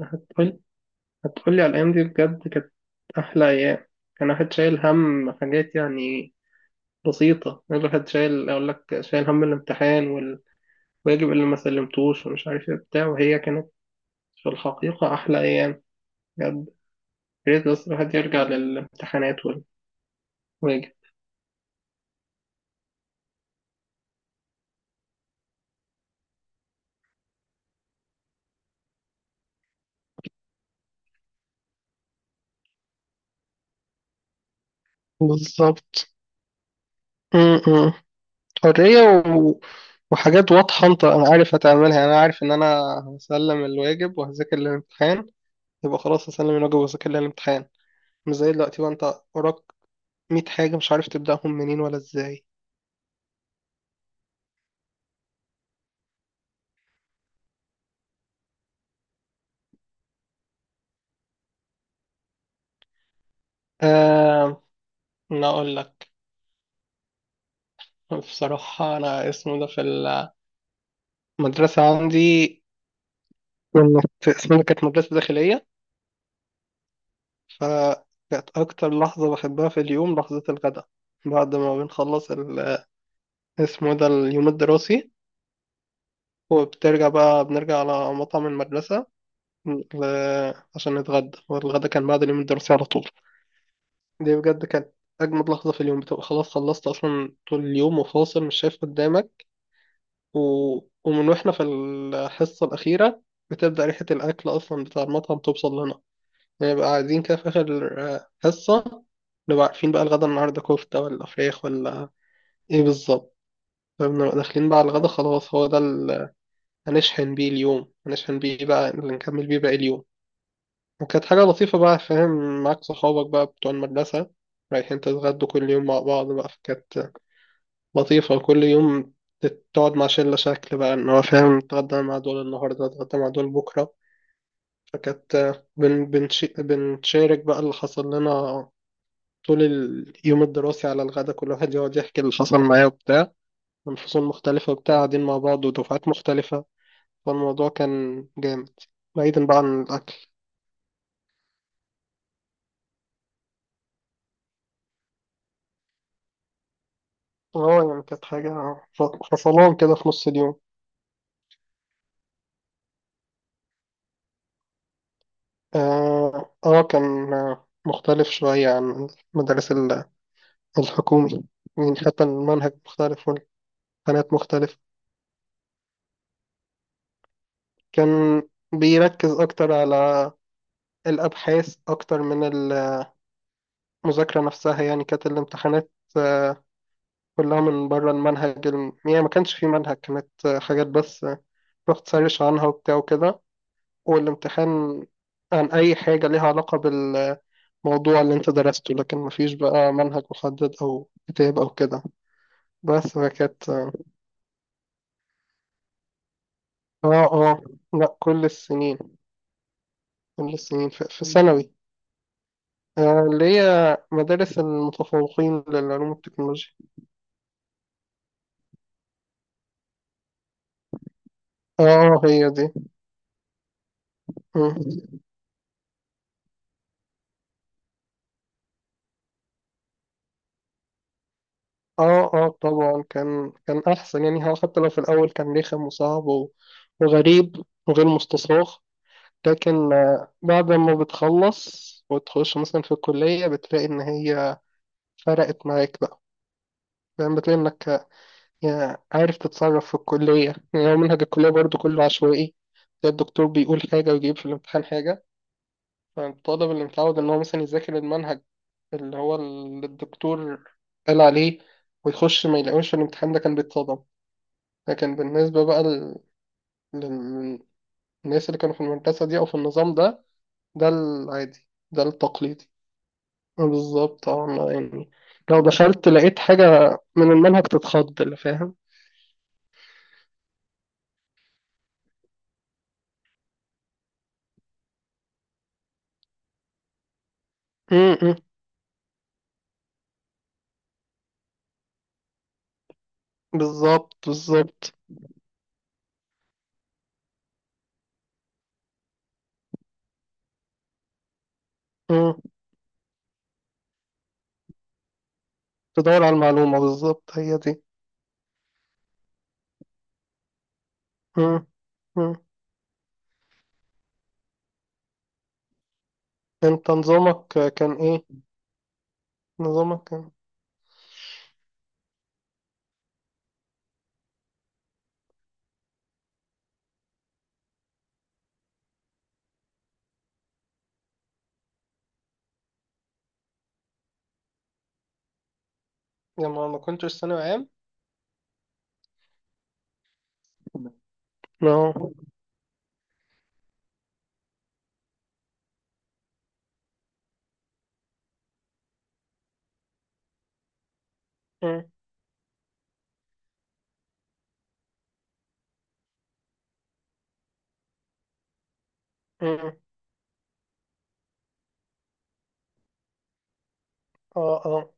هتقول هتقولي على الأيام دي بجد كانت أحلى أيام. كان واحد شايل هم حاجات يعني بسيطة. يعني الواحد شايل، أقول لك، شايل هم الامتحان والواجب اللي ما سلمتوش ومش عارف إيه بتاع، وهي كانت في الحقيقة أحلى أيام بجد. يا ريت بس الواحد يرجع للامتحانات والواجب. بالظبط. م- م. حرية و... وحاجات واضحة. أنت أنا عارف هتعملها، أنا عارف إن أنا هسلم الواجب وهذاكر الامتحان، يبقى خلاص هسلم الواجب وهذاكر الامتحان. مش زي دلوقتي بقى، انت وراك 100 حاجة مش عارف تبدأهم منين ولا ازاي. آه، أنا أقول لك بصراحة. أنا اسمه ده في المدرسة عندي اسمها كانت مدرسة داخلية. فكانت أكتر لحظة بحبها في اليوم لحظة الغداء، بعد ما بنخلص اسمه ده اليوم الدراسي. وبترجع بقى بنرجع على مطعم المدرسة عشان نتغدى، والغدا كان بعد اليوم الدراسي على طول. دي بجد كانت أجمد لحظة في اليوم، بتبقى خلاص خلصت أصلا طول اليوم وفاصل مش شايف قدامك. و... ومن وإحنا في الحصة الأخيرة بتبدأ ريحة الأكل أصلا بتاع المطعم توصل لنا، نبقى قاعدين كده في آخر حصة، نبقى عارفين بقى الغدا النهاردة كفتة ولا فراخ ولا إيه بالظبط. فبنبقى داخلين بقى على الغدا، خلاص هو ده اللي هنشحن بيه اليوم، هنشحن بيه بقى اللي نكمل بيه باقي اليوم. وكانت حاجة لطيفة بقى، فاهم؟ معاك صحابك بقى بتوع المدرسة رايحين تتغدوا كل يوم مع بعض بقى، فكانت لطيفة. وكل يوم تقعد مع شلة شكل بقى، إن هو فاهم، نتغدى مع دول النهاردة نتغدى مع دول بكرة. فكانت بنشارك بقى اللي حصل لنا طول اليوم الدراسي على الغدا، كل واحد يقعد يحكي اللي حصل معاه وبتاع، من فصول مختلفة وبتاع، قاعدين مع بعض ودفعات مختلفة. فالموضوع كان جامد، بعيدا بقى عن الأكل. اه يعني كانت حاجة ف- فصلان كده في نص اليوم. كان مختلف شوية عن المدارس الحكومي، يعني حتى المنهج مختلف والقناة مختلفة. كان بيركز أكتر على الأبحاث أكتر من المذاكرة نفسها. يعني كانت الامتحانات آه، كلها من بره المنهج. يعني ما كانش في منهج، كانت حاجات بس، رحت سيرش عنها وبتاع وكده، والامتحان عن أي حاجة ليها علاقة بالموضوع اللي أنت درسته، لكن مفيش بقى منهج محدد أو كتاب أو كده. بس فكانت اه. اه آه، لأ، كل السنين. كل السنين في ثانوي، اللي هي مدارس المتفوقين للعلوم والتكنولوجيا. اه هي دي. مم. اه اه طبعا، كان احسن. يعني هو حتى لو في الاول كان رخم وصعب وغريب وغير مستصاغ، لكن بعد ما بتخلص وتخش مثلا في الكلية بتلاقي ان هي فرقت معاك بقى. يعني بتلاقي انك يعني عارف تتصرف في الكلية. يعني هو منهج الكلية برضو كله عشوائي، تلاقي الدكتور بيقول حاجة ويجيب في الامتحان حاجة. فالطالب اللي متعود ان هو مثلا يذاكر المنهج اللي هو الدكتور قال عليه، ويخش ما يلاقوش في الامتحان، ده كان بيتصدم. لكن بالنسبة بقى للناس اللي كانوا في المدرسة دي أو في النظام ده، ده العادي، ده التقليدي. بالظبط. اه أنا يعني لو دخلت لقيت حاجة من المنهج تتخض، اللي فاهم. م- م. بالظبط بالظبط. م. تدور على المعلومة بالظبط، هي دي. م- م. انت نظامك كان ايه؟ نظامك كان؟ يعني ما كنتش ثانوي عام؟ لا. مم. اه اه،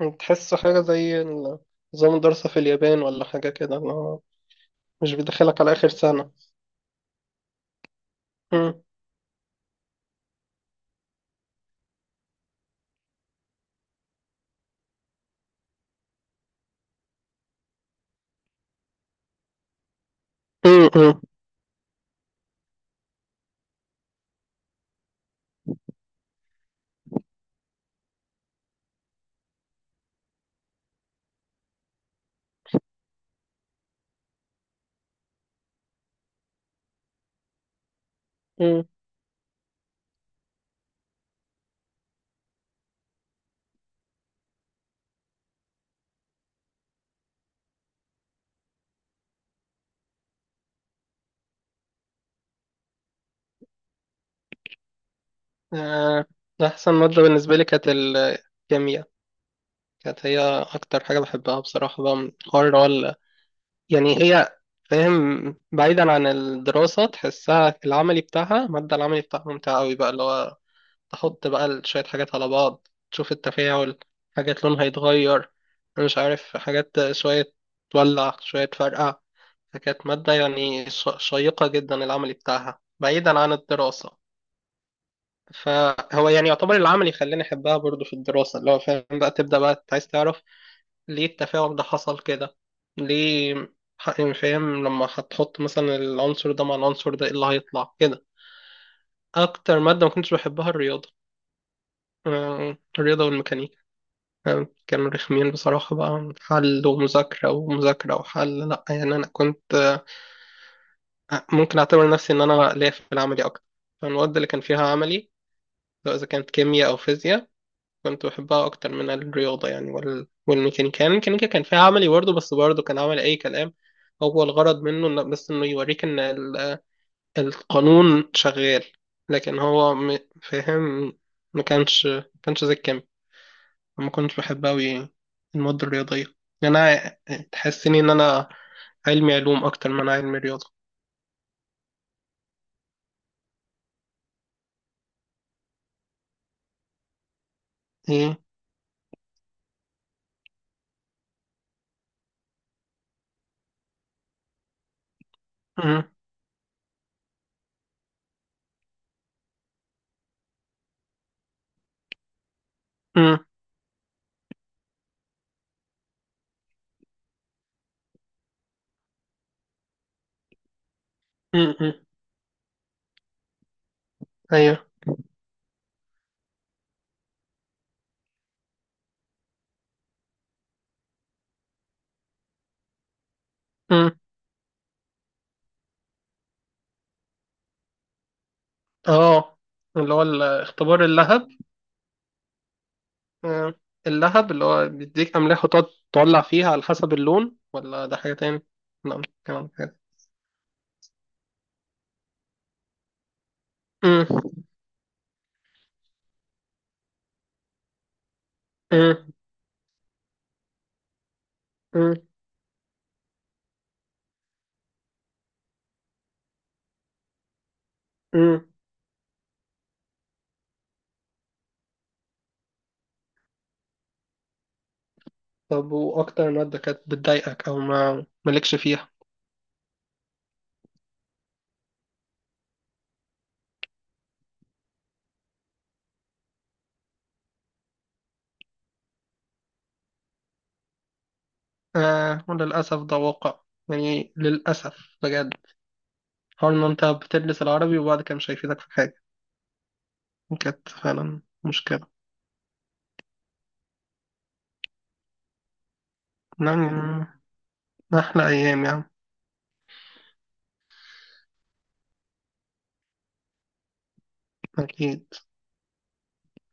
يعني تحس حاجة زي نظام الدراسة في اليابان ولا حاجة كده، اللي هو مش بيدخلك على آخر سنة. مم. مم. مم. مم. آه، أحسن مادة بالنسبة لي كانت الكيمياء، كانت هي أكتر حاجة بحبها بصراحة بقى من حوار اللي يعني هي، فاهم؟ بعيدا عن الدراسة تحسها العملي بتاعها، المادة العملي بتاعها ممتعة أوي بقى، اللي هو تحط بقى شوية حاجات على بعض تشوف التفاعل، حاجات لونها يتغير، أنا مش عارف، حاجات شوية تولع شوية تفرقع. فكانت مادة يعني شيقة جدا، العملي بتاعها بعيدا عن الدراسة. فهو يعني يعتبر العملي خلاني أحبها برضو في الدراسة، اللي هو فاهم بقى تبدأ بقى عايز تعرف ليه التفاعل ده حصل كده، ليه. يعني فاهم لما هتحط مثلا العنصر ده مع العنصر ده ايه اللي هيطلع كده. أكتر مادة ما كنتش بحبها الرياضة. الرياضة والميكانيكا، فاهم؟ كانوا رخمين بصراحة بقى، حل ومذاكرة ومذاكرة وحل. لأ يعني أنا كنت، ممكن أعتبر نفسي إن أنا ليا في العملي أكتر. فالمواد اللي كان فيها عملي، سواء إذا كانت كيمياء أو فيزياء، كنت بحبها أكتر من الرياضة يعني والميكانيكا. يعني الميكانيكا كان فيها عملي برضه، بس برضه كان عملي أي كلام، هو الغرض منه إن بس إنه يوريك إن القانون شغال، لكن هو م، فاهم؟ ما كانش زي الكيمياء. ما كنتش بحب أوي المواد الرياضية. يعني أنا تحسني إن أنا علمي علوم أكتر ما أنا علمي رياضة. إيه؟ أمم، أمم، أمم، أمم. أيوه. أمم. أه اللي هو الاختبار اللهب. آه، اللهب اللي هو بيديك أملاح وتقعد تولع فيها على حسب اللون، ولا ده حاجة تاني؟ لا كمان حاجة. أمم، أمم، أمم، أمم. طب وأكتر مادة كانت بتضايقك أو ما مالكش فيها؟ آه وللأسف ده واقع، يعني للأسف بجد. حوار ان انت بتدرس العربي وبعد كده مش هيفيدك في حاجة، كانت فعلا مشكلة. يعني احلى ايام يعني. اكيد.